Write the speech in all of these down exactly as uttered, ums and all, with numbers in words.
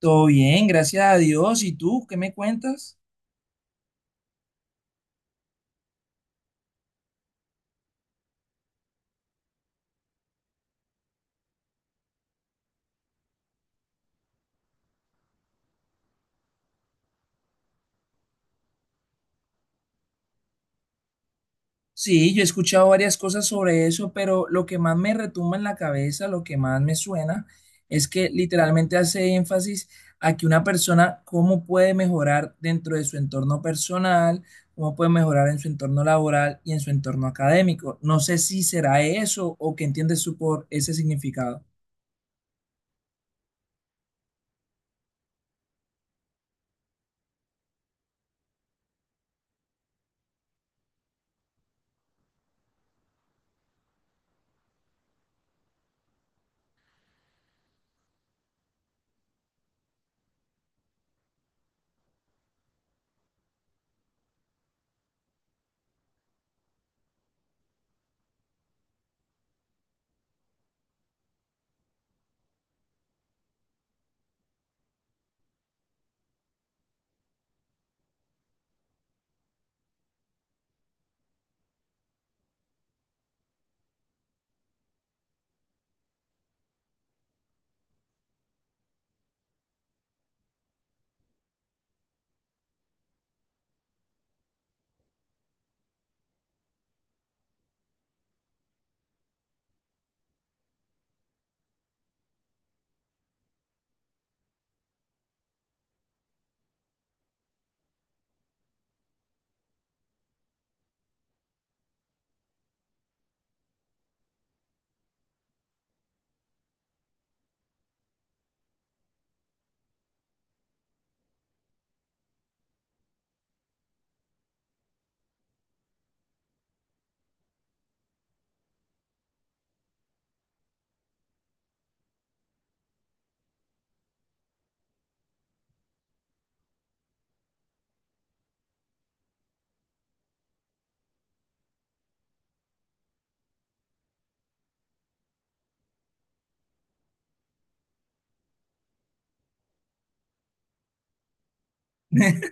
Todo bien, gracias a Dios. ¿Y tú qué me cuentas? Sí, yo he escuchado varias cosas sobre eso, pero lo que más me retumba en la cabeza, lo que más me suena, es que literalmente hace énfasis a que una persona, cómo puede mejorar dentro de su entorno personal, cómo puede mejorar en su entorno laboral y en su entorno académico. No sé si será eso o qué entiendes tú por ese significado.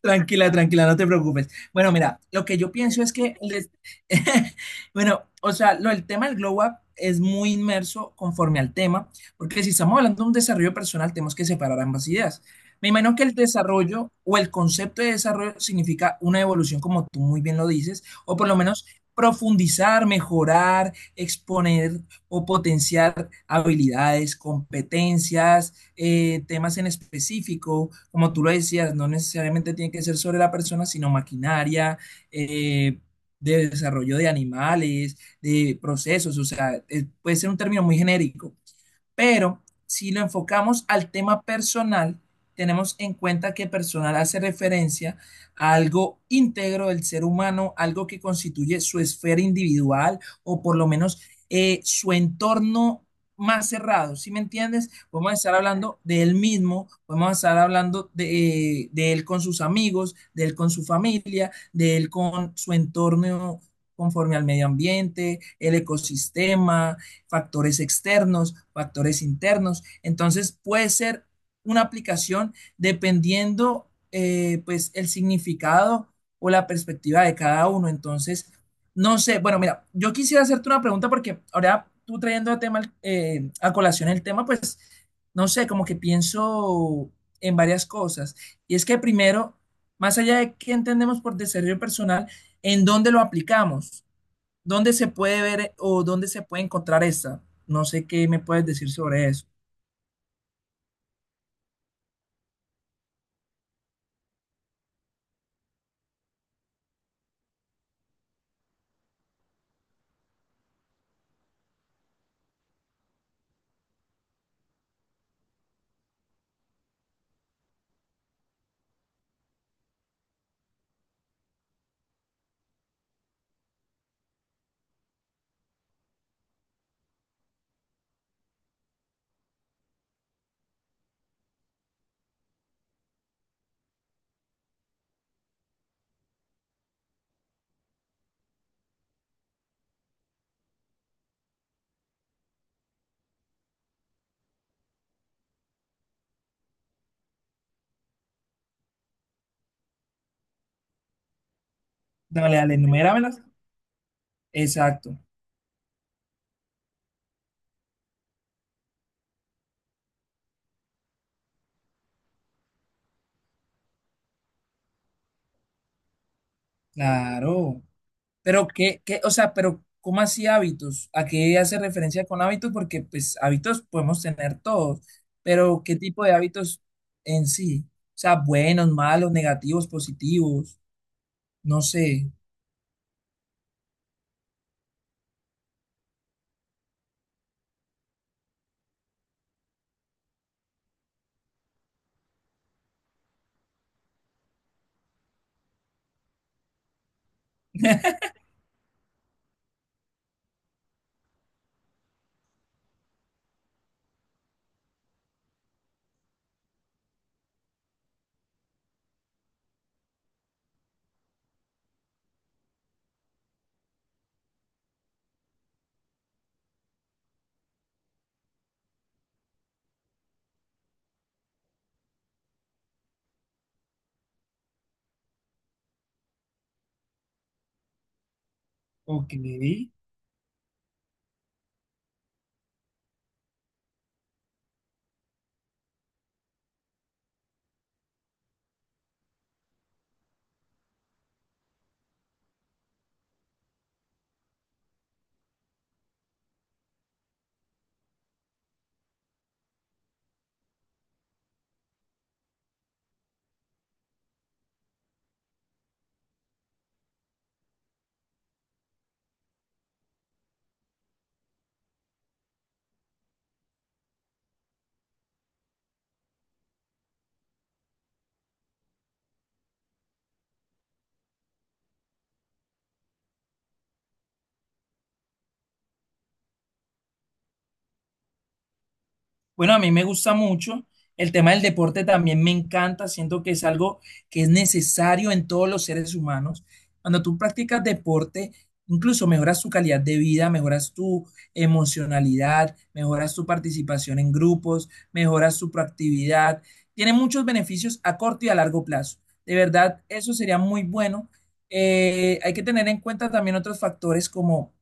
Tranquila, tranquila, no te preocupes. Bueno, mira, lo que yo pienso es que, les- bueno, o sea, lo, el tema del Glow Up es muy inmerso conforme al tema, porque si estamos hablando de un desarrollo personal, tenemos que separar ambas ideas. Me imagino que el desarrollo o el concepto de desarrollo significa una evolución, como tú muy bien lo dices, o por lo menos profundizar, mejorar, exponer o potenciar habilidades, competencias eh, temas en específico, como tú lo decías, no necesariamente tiene que ser sobre la persona, sino maquinaria, eh, de desarrollo de animales, de procesos, o sea, eh, puede ser un término muy genérico, pero si lo enfocamos al tema personal, tenemos en cuenta que personal hace referencia a algo íntegro del ser humano, algo que constituye su esfera individual o por lo menos eh, su entorno más cerrado, ¿sí me entiendes? Podemos estar hablando de él mismo, podemos estar hablando de, de él con sus amigos, de él con su familia, de él con su entorno conforme al medio ambiente, el ecosistema, factores externos, factores internos. Entonces puede ser una aplicación dependiendo eh, pues el significado o la perspectiva de cada uno. Entonces, no sé, bueno, mira, yo quisiera hacerte una pregunta porque ahora tú trayendo a, tema, eh, a colación el tema, pues, no sé, como que pienso en varias cosas. Y es que primero, más allá de qué entendemos por desarrollo personal, ¿en dónde lo aplicamos? ¿Dónde se puede ver o dónde se puede encontrar esta? No sé qué me puedes decir sobre eso. Dale, dale, enuméramelas. Exacto, claro. Pero qué, qué, o sea, pero ¿cómo así hábitos? ¿A qué hace referencia con hábitos? Porque pues hábitos podemos tener todos, pero ¿qué tipo de hábitos en sí? O sea, buenos, malos, negativos, positivos, no sé. Ok. Bueno, a mí me gusta mucho. El tema del deporte también me encanta. Siento que es algo que es necesario en todos los seres humanos. Cuando tú practicas deporte, incluso mejoras tu calidad de vida, mejoras tu emocionalidad, mejoras tu participación en grupos, mejoras tu proactividad. Tiene muchos beneficios a corto y a largo plazo. De verdad, eso sería muy bueno. Eh, hay que tener en cuenta también otros factores como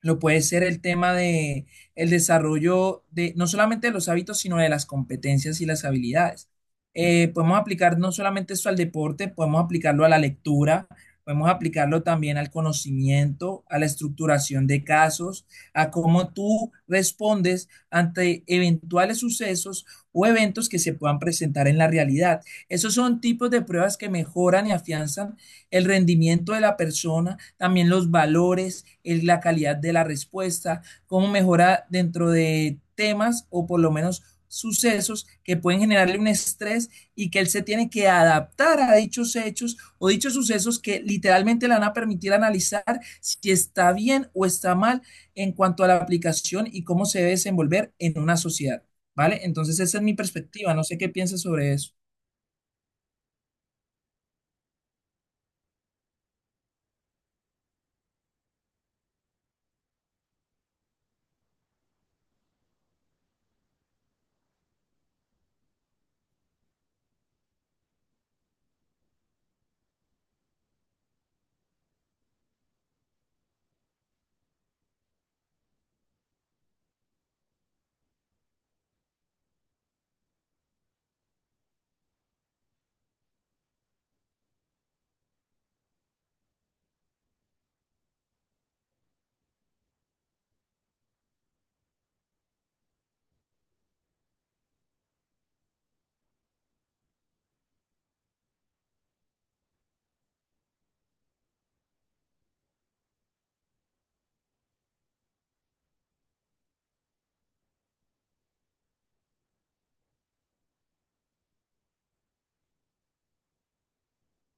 lo puede ser el tema de el desarrollo de no solamente de los hábitos, sino de las competencias y las habilidades. Eh, podemos aplicar no solamente esto al deporte, podemos aplicarlo a la lectura, podemos aplicarlo también al conocimiento, a la estructuración de casos, a cómo tú respondes ante eventuales sucesos o eventos que se puedan presentar en la realidad. Esos son tipos de pruebas que mejoran y afianzan el rendimiento de la persona, también los valores, el- la calidad de la respuesta, cómo mejora dentro de temas o por lo menos sucesos que pueden generarle un estrés y que él se tiene que adaptar a dichos hechos o dichos sucesos que literalmente le van a permitir analizar si está bien o está mal en cuanto a la aplicación y cómo se debe desenvolver en una sociedad, ¿vale? Entonces esa es mi perspectiva, no sé qué piensas sobre eso.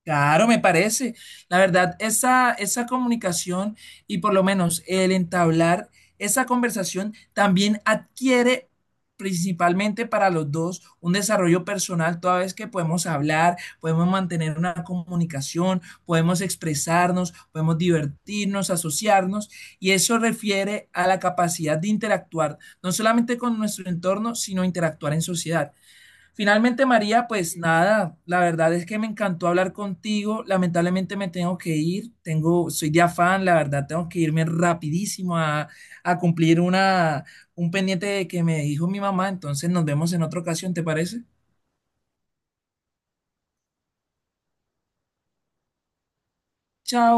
Claro, me parece. La verdad, esa, esa comunicación y por lo menos el entablar esa conversación también adquiere principalmente para los dos un desarrollo personal, toda vez que podemos hablar, podemos mantener una comunicación, podemos expresarnos, podemos divertirnos, asociarnos, y eso refiere a la capacidad de interactuar, no solamente con nuestro entorno, sino interactuar en sociedad. Finalmente, María, pues nada, la verdad es que me encantó hablar contigo. Lamentablemente me tengo que ir, tengo, soy de afán, la verdad, tengo que irme rapidísimo a, a cumplir una, un pendiente que me dijo mi mamá. Entonces nos vemos en otra ocasión, ¿te parece? Chao.